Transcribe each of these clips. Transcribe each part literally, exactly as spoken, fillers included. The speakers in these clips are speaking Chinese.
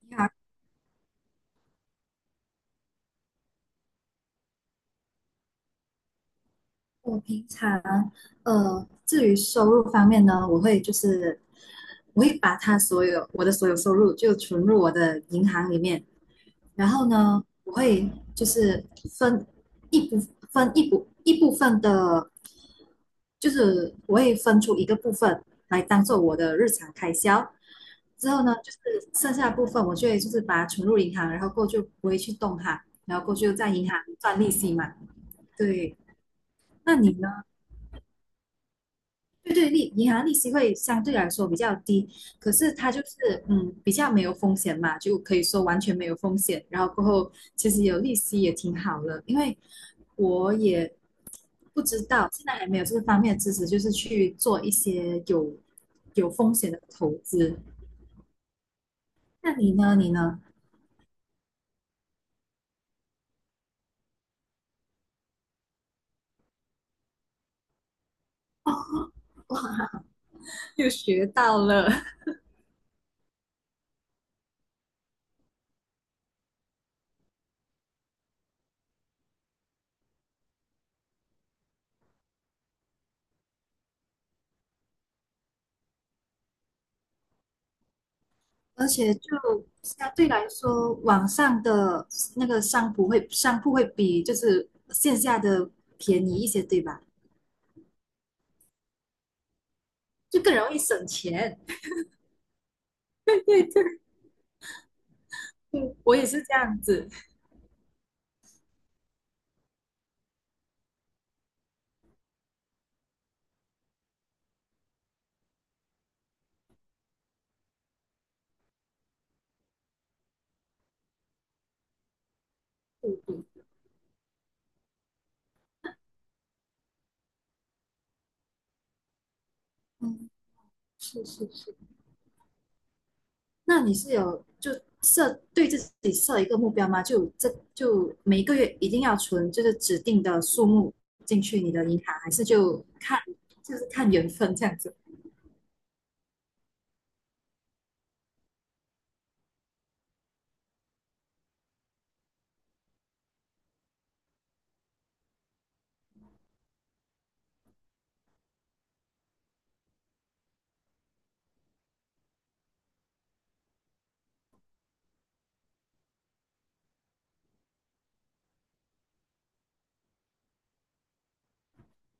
你好。我平常呃，至于收入方面呢，我会就是我会把它所有我的所有收入就存入我的银行里面。然后呢，我会就是分一部分一部一部分的，就是我会分出一个部分来当做我的日常开销。之后呢，就是剩下的部分我就会就是把它存入银行，然后过后就不会去动它，然后过后就在银行赚利息嘛。对。那你呢？对对，利银行利息会相对来说比较低，可是它就是嗯比较没有风险嘛，就可以说完全没有风险。然后过后其实有利息也挺好的，因为我也不知道，现在还没有这个方面的知识，就是去做一些有有风险的投资。那你呢？你呢？又学到了。而且就相对来说，网上的那个商铺会商铺会比就是线下的便宜一些，对吧？就更容易省钱。对对。对，我也是这样子。对对，嗯，是是是。那你是有就设对自己设一个目标吗？就这就每个月一定要存就是指定的数目进去你的银行，还是就看就是看缘分这样子？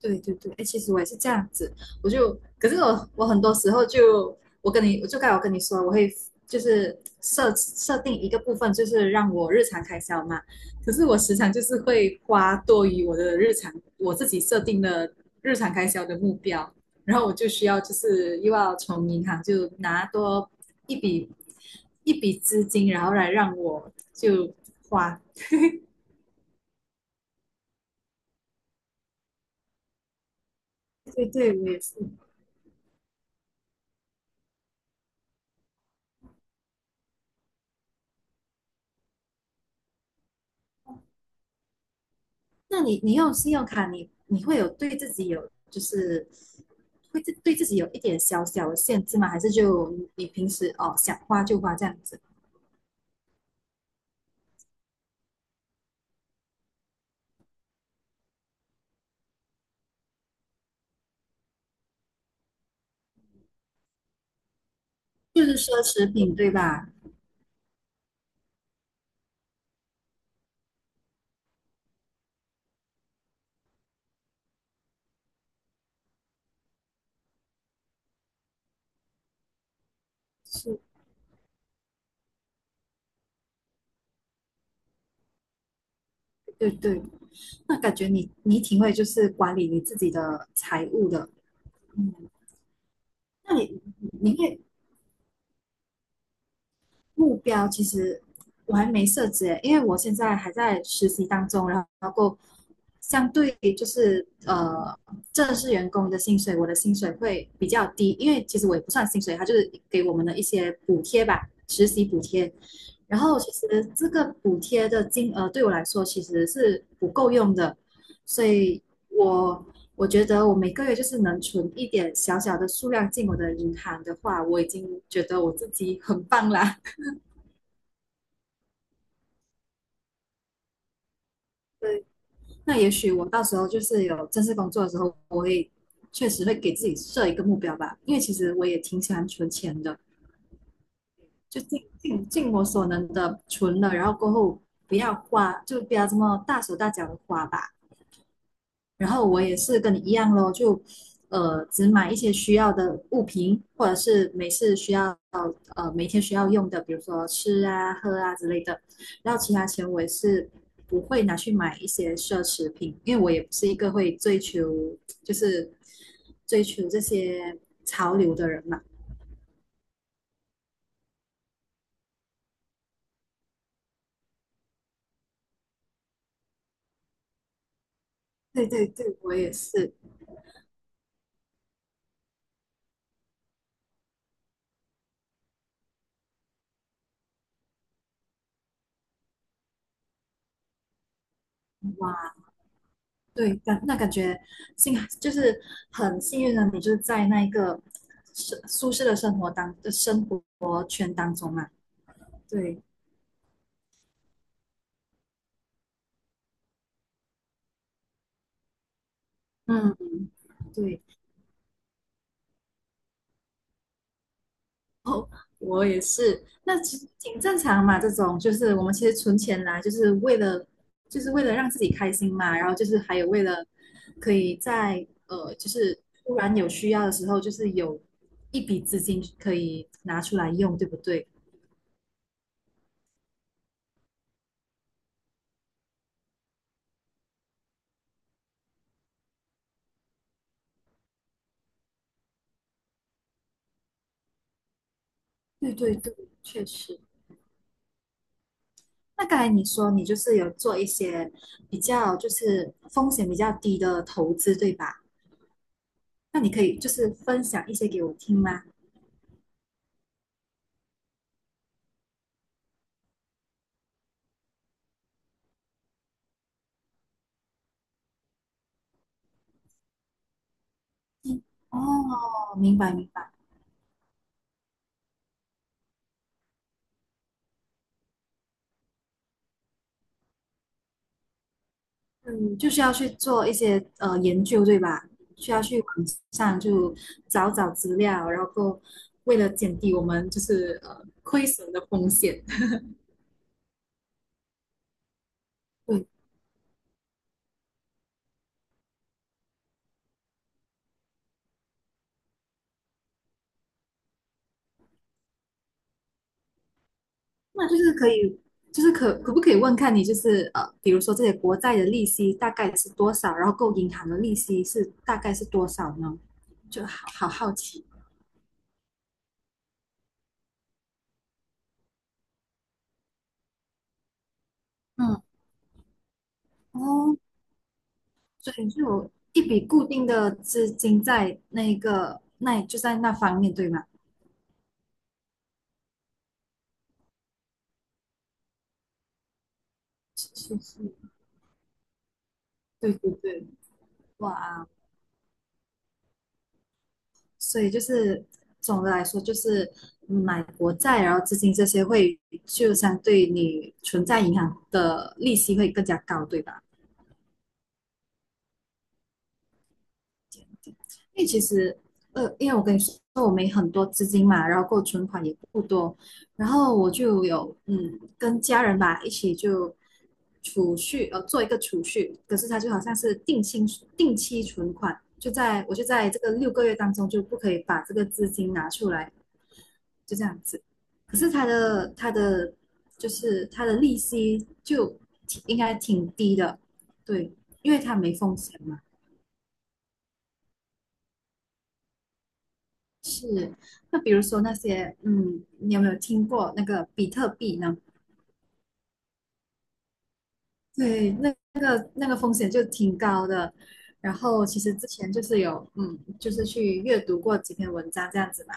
对对对，哎，其实我也是这样子。我就，可是我我很多时候就，我跟你，我就刚才我跟你说，我会就是设设定一个部分，就是让我日常开销嘛。可是我时常就是会花多于我的日常，我自己设定的日常开销的目标，然后我就需要就是又要从银行就拿多一笔一笔资金，然后来让我就花。对对，我也是。那你你用信用卡你，你会有对自己有就是会自对自己有一点小小的限制吗？还是就你平时哦想花就花这样子。就是奢侈品对吧？是，对对。那感觉你你挺会就是管理你自己的财务的。嗯。那你你会目标其实我还没设置耶，因为我现在还在实习当中。然后相对就是呃正式员工的薪水，我的薪水会比较低，因为其实我也不算薪水，它就是给我们的一些补贴吧，实习补贴。然后其实这个补贴的金额对我来说其实是不够用的，所以我我觉得我每个月就是能存一点小小的数量进我的银行的话，我已经觉得我自己很棒啦。对，那也许我到时候就是有正式工作的时候，我会确实会给自己设一个目标吧，因为其实我也挺喜欢存钱的，就尽尽尽我所能的存了，然后过后不要花，就不要这么大手大脚的花吧。然后我也是跟你一样咯。就呃只买一些需要的物品，或者是每次需要呃每天需要用的，比如说吃啊、喝啊之类的。然后其他钱我也是不会拿去买一些奢侈品，因为我也不是一个会追求就是追求这些潮流的人嘛。对对对，我也是。对。感那感觉幸就是很幸运的，你就是在那一个舒舒适的生活当的生活圈当中嘛。对。嗯。对。哦，我也是，那其实挺正常嘛。这种就是我们其实存钱来，就是为了就是为了让自己开心嘛，然后就是还有为了可以在呃，就是突然有需要的时候，就是有一笔资金可以拿出来用，对不对？对对对，确实。那刚才你说你就是有做一些比较就是风险比较低的投资，对吧？那你可以就是分享一些给我听吗？哦，明白明白。嗯，就是要去做一些呃研究，对吧？需要去网上就找找资料，然后为了减低我们就是呃亏损的风险。对。那就是可以，就是可可不可以问看你，就是呃，比如说这些国债的利息大概是多少，然后够银行的利息是大概是多少呢？就好好好奇。嗯。哦，所以就有一笔固定的资金在那个那就在那方面，对吗？是是是。对对对。哇，所以就是总的来说就是买国债，然后资金这些会就相对你存在银行的利息会更加高，对吧？因为其实，呃，因为我跟你说，我没很多资金嘛，然后够存款也不多，然后我就有嗯跟家人吧一起就储蓄。呃，做一个储蓄。可是它就好像是定期定期存款，就在我就在这个六个月当中就不可以把这个资金拿出来，就这样子。可是它的它的就是它的利息就挺应该挺低的，对，因为它没风险嘛。是，那比如说那些，嗯，你有没有听过那个比特币呢？对，那那个那个风险就挺高的。然后其实之前就是有，嗯，就是去阅读过几篇文章这样子嘛。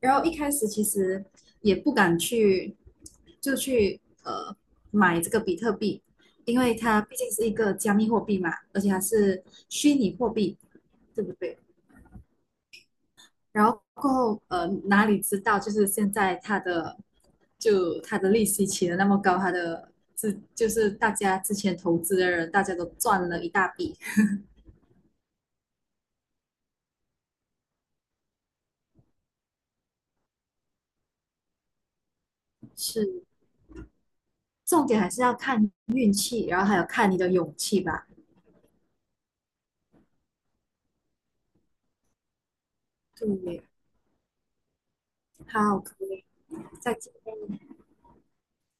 然后一开始其实也不敢去，就去呃买这个比特币，因为它毕竟是一个加密货币嘛，而且它是虚拟货币，对不对？然后过后，呃，哪里知道就是现在它的就它的利息起得那么高，它的自就是大家之前投资的人，大家都赚了一大笔。是，重点还是要看运气，然后还有看你的勇气吧。对，好，可以，再见。